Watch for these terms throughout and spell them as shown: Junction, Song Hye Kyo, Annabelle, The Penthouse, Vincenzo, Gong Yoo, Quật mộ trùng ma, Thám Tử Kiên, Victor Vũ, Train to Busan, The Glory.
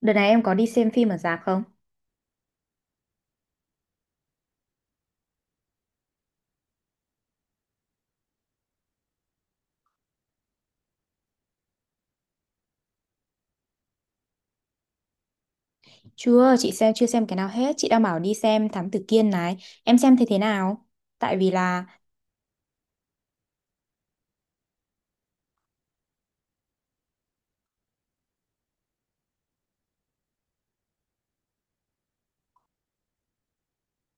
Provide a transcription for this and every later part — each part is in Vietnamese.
Đợt này em có đi xem phim ở rạp không? Chưa, chị chưa xem cái nào hết. Chị đang bảo đi xem Thám Tử Kiên này. Em xem thế thế nào? Tại vì là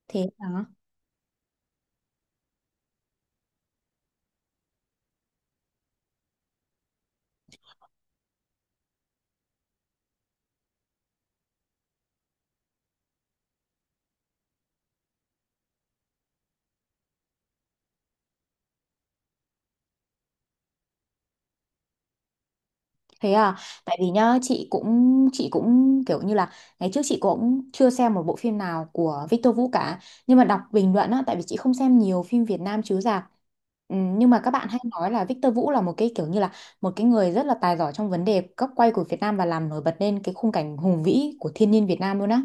thế đó. Thế à, tại vì nhá, chị cũng kiểu như là ngày trước chị cũng chưa xem một bộ phim nào của Victor Vũ cả. Nhưng mà đọc bình luận á, tại vì chị không xem nhiều phim Việt Nam chiếu rạp. Ừ, nhưng mà các bạn hay nói là Victor Vũ là một cái kiểu như là một cái người rất là tài giỏi trong vấn đề góc quay của Việt Nam và làm nổi bật lên cái khung cảnh hùng vĩ của thiên nhiên Việt Nam luôn á.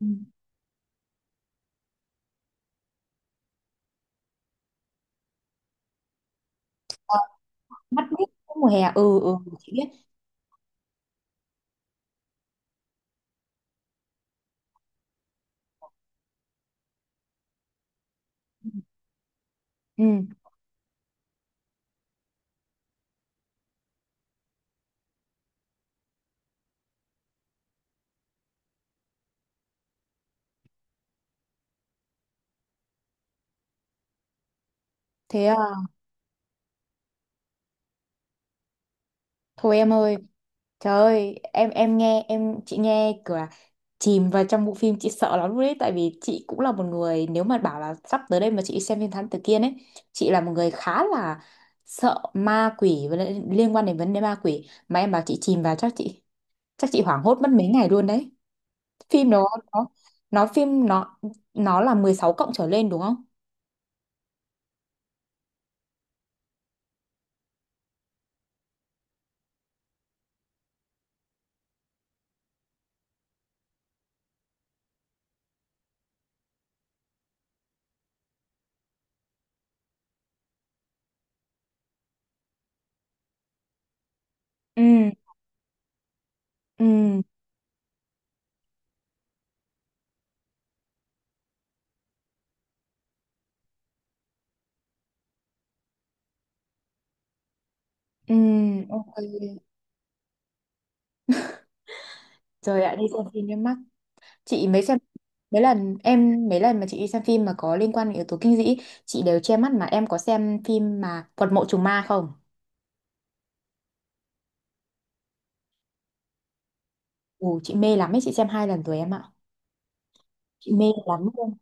Ừ. Ờ, mắt mít mùa hè. Ừ, ừ, chị biết. Ừ, thế à. Thôi em ơi, trời ơi em nghe em chị nghe kiểu là chìm vào trong bộ phim chị sợ lắm luôn đấy. Tại vì chị cũng là một người, nếu mà bảo là sắp tới đây mà chị đi xem phim Thám Tử Kiên ấy, chị là một người khá là sợ ma quỷ với lại liên quan đến vấn đề ma quỷ mà em bảo chị chìm vào, chắc chị, chắc chị hoảng hốt mất mấy ngày luôn đấy. Phim đó nó nó phim nó là 16+ trở lên, đúng không? Ừ. Ừ. Ừ. Ok. Rồi ạ, đi xem phim nhắm mắt. Chị mấy xem Mấy lần em, mấy lần mà chị đi xem phim mà có liên quan đến yếu tố kinh dị, chị đều che mắt. Mà em có xem phim mà Quật mộ trùng ma không? Ừ, chị mê lắm ấy, chị xem hai lần rồi em ạ. Chị mê lắm luôn.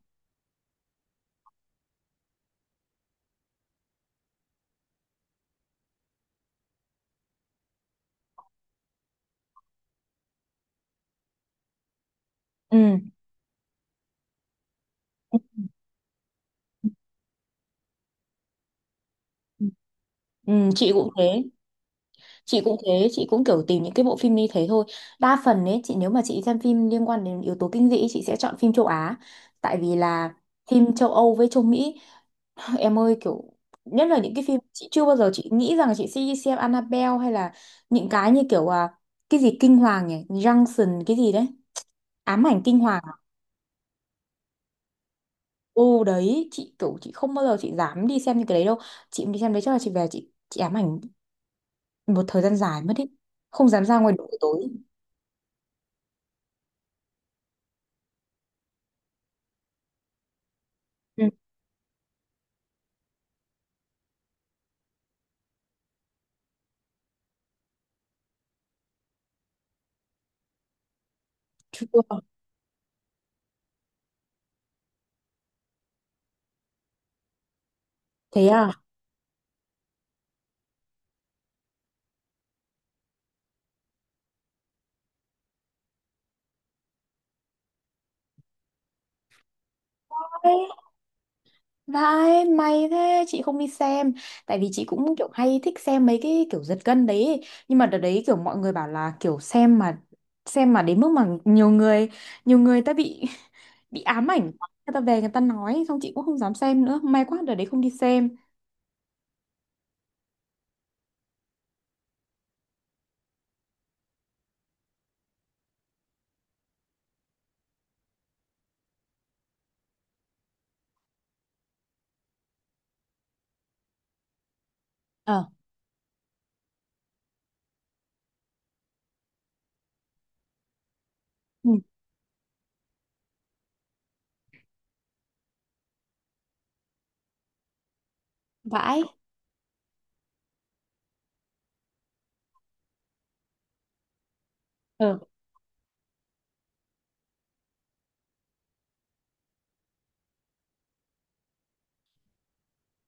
Ừ. Ừ, chị cũng thế. Chị cũng kiểu tìm những cái bộ phim như thế thôi. Đa phần ấy chị, nếu mà chị xem phim liên quan đến yếu tố kinh dị, chị sẽ chọn phim châu Á. Tại vì là phim châu Âu với châu Mỹ em ơi, kiểu nhất là những cái phim chị chưa bao giờ chị nghĩ rằng chị sẽ đi xem Annabelle hay là những cái như kiểu à, cái gì kinh hoàng nhỉ? Junction cái gì đấy, ám ảnh kinh hoàng à? Ô đấy chị kiểu chị không bao giờ chị dám đi xem những cái đấy đâu. Chị đi xem đấy chắc là chị về chị ám ảnh một thời gian dài mất ý, không dám ra ngoài đường buổi tối. Ừ. Chưa. Thế à? Ê, vãi, may thế, chị không đi xem. Tại vì chị cũng kiểu hay thích xem mấy cái kiểu giật gân đấy ấy. Nhưng mà đợt đấy kiểu mọi người bảo là kiểu xem mà xem mà đến mức mà nhiều người, nhiều người ta bị bị ám ảnh quá. Người ta về người ta nói. Xong chị cũng không dám xem nữa, may quá đợt đấy không đi xem. Ờ. Ừ. Vãi. Ờ.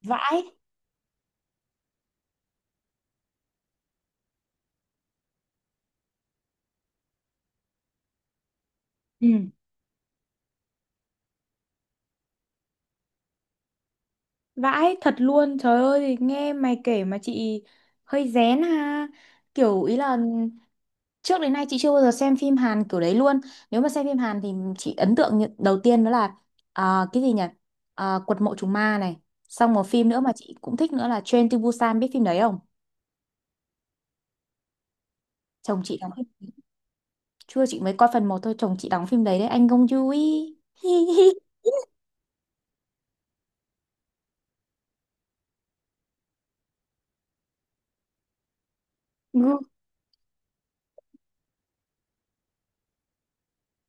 Vãi. Ừ. Vãi, thật luôn. Trời ơi, nghe mày kể mà chị hơi rén ha. Kiểu ý là trước đến nay chị chưa bao giờ xem phim Hàn kiểu đấy luôn. Nếu mà xem phim Hàn thì chị ấn tượng như- đầu tiên đó là à, cái gì nhỉ? À, Quật mộ trùng ma này. Xong một phim nữa mà chị cũng thích nữa là Train to Busan, biết phim đấy không? Chồng chị đóng phim. Chưa, chị mới coi phần 1 thôi, chồng chị đóng phim đấy đấy, anh Gong Yoo ấy.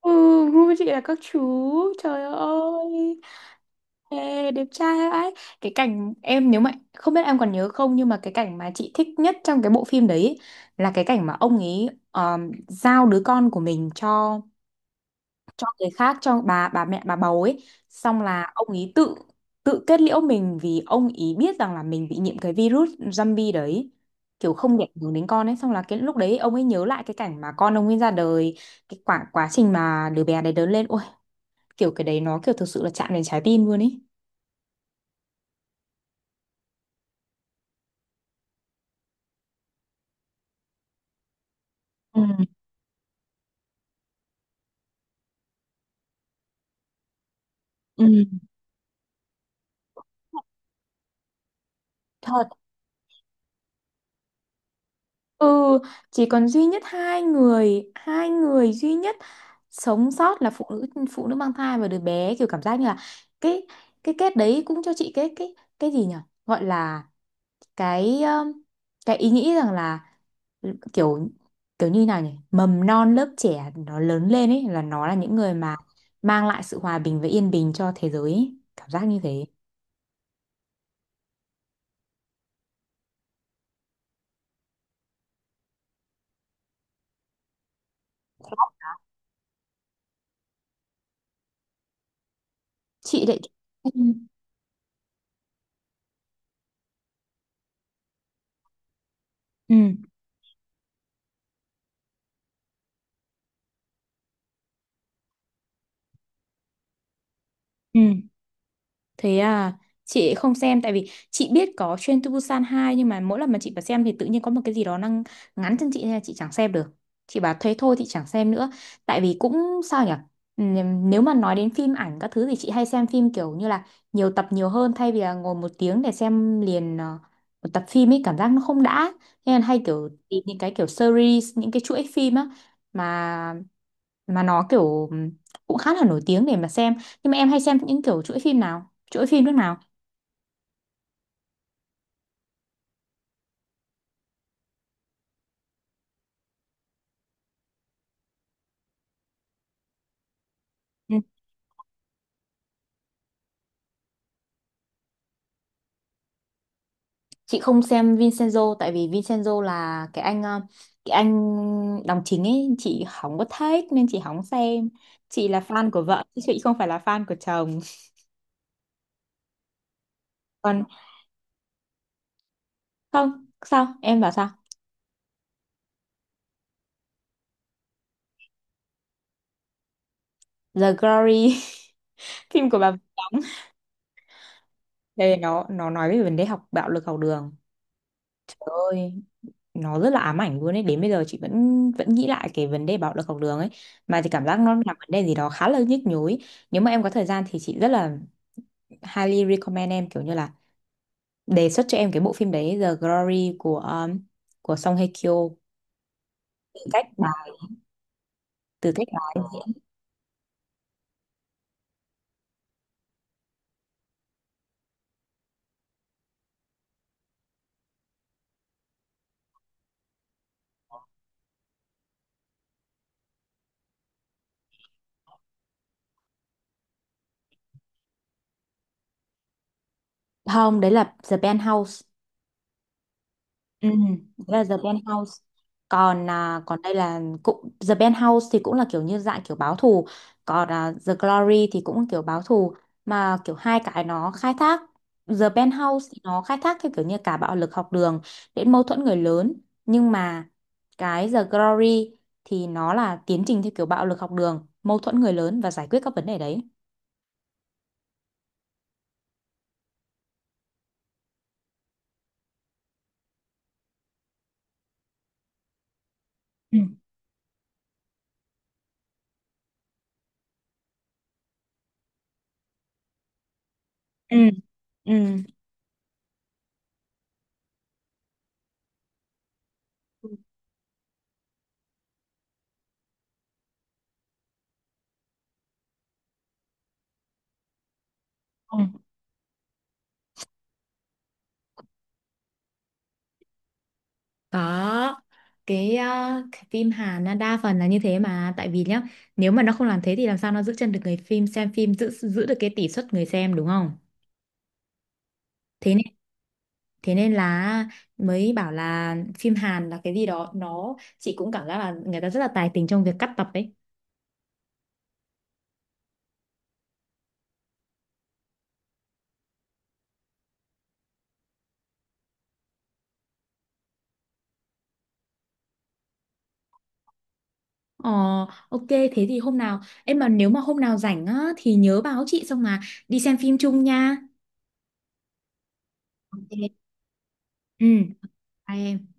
Ừ, gu chị là các chú. Trời ơi. Ê, đẹp trai ấy. Cái cảnh em nếu mà không biết em còn nhớ không nhưng mà cái cảnh mà chị thích nhất trong cái bộ phim đấy là cái cảnh mà ông ấy giao đứa con của mình cho người khác, cho bà, mẹ bà bầu ấy, xong là ông ý tự tự kết liễu mình vì ông ý biết rằng là mình bị nhiễm cái virus zombie đấy, kiểu không để ảnh hưởng đến con ấy. Xong là cái lúc đấy ông ấy nhớ lại cái cảnh mà con ông ấy ra đời, cái quá trình mà đứa bé đấy lớn lên, ôi kiểu cái đấy nó kiểu thực sự là chạm đến trái tim luôn ấy. Ừ. Ừ. Thật. Ừ, chỉ còn duy nhất hai người duy nhất sống sót là phụ nữ, phụ nữ mang thai và đứa bé, kiểu cảm giác như là cái cái kết đấy cũng cho chị cái gì nhỉ? Gọi là cái um, cái ý nghĩ rằng là kiểu kiểu như nào nhỉ? Mầm non lớp trẻ nó lớn lên ấy là nó là những người mà mang lại sự hòa bình và yên bình cho thế giới ấy. Cảm giác như thế. Chị lại. Ừ. Ừ. Ừ. Thế à, chị không xem tại vì chị biết có Train to Busan 2 nhưng mà mỗi lần mà chị vào xem thì tự nhiên có một cái gì đó đang ngắn chân chị nên là chị chẳng xem được. Chị bảo thế thôi thì chẳng xem nữa. Tại vì cũng sao nhỉ? Nếu mà nói đến phim ảnh các thứ thì chị hay xem phim kiểu như là nhiều tập nhiều hơn thay vì là ngồi 1 tiếng để xem liền một tập phim ấy cảm giác nó không đã. Nên hay kiểu tìm những cái kiểu series, những cái chuỗi phim á mà mà nó kiểu cũng khá là nổi tiếng để mà xem. Nhưng mà em hay xem những kiểu chuỗi phim nào? Chuỗi phim nước nào? Ừ. Chị không xem Vincenzo tại vì Vincenzo là cái anh đóng chính ấy, chị không có thích nên chị không xem. Chị là fan của vợ chứ chị không phải là fan của chồng. Còn... Không sao, em bảo sao? The Glory. Phim của bà Vĩ đóng đây, nó nói về vấn đề học bạo lực học đường. Trời ơi, nó rất là ám ảnh luôn ấy, đến bây giờ chị vẫn vẫn nghĩ lại cái vấn đề bạo lực học đường ấy mà chị cảm giác nó là vấn đề gì đó khá là nhức nhối. Nếu mà em có thời gian thì chị rất là highly recommend em, kiểu như là đề xuất cho em cái bộ phim đấy, The Glory của Song Hye Kyo. từ cách bà Từ cách bà ấy diễn. Không, đấy là The Penthouse. Ừ, đó là The Penthouse. Còn à, còn đây là cũng The Penthouse thì cũng là kiểu như dạng kiểu báo thù, còn à, The Glory thì cũng kiểu báo thù mà kiểu hai cái nó khai thác. The Penthouse thì nó khai thác theo kiểu như cả bạo lực học đường đến mâu thuẫn người lớn, nhưng mà cái The Glory thì nó là tiến trình theo kiểu bạo lực học đường, mâu thuẫn người lớn và giải quyết các vấn đề đấy. Ừ. Ừ. Ừ. Ừ. Có. cái, ờ, cái phim Hàn nó đa phần là như thế mà, tại vì nhá nếu mà nó không làm thế thì làm sao nó giữ chân được người phim xem phim, giữ giữ được cái tỷ suất người xem, đúng không? thế nên thế nên là mới bảo là phim Hàn là cái gì đó nó, chị cũng cảm giác là người ta rất là tài tình trong việc cắt tập ấy. Ờ, ok thế thì hôm nào em mà nếu mà hôm nào rảnh á thì nhớ báo chị, xong mà đi xem phim chung nha. Ok. Ừ, bye em.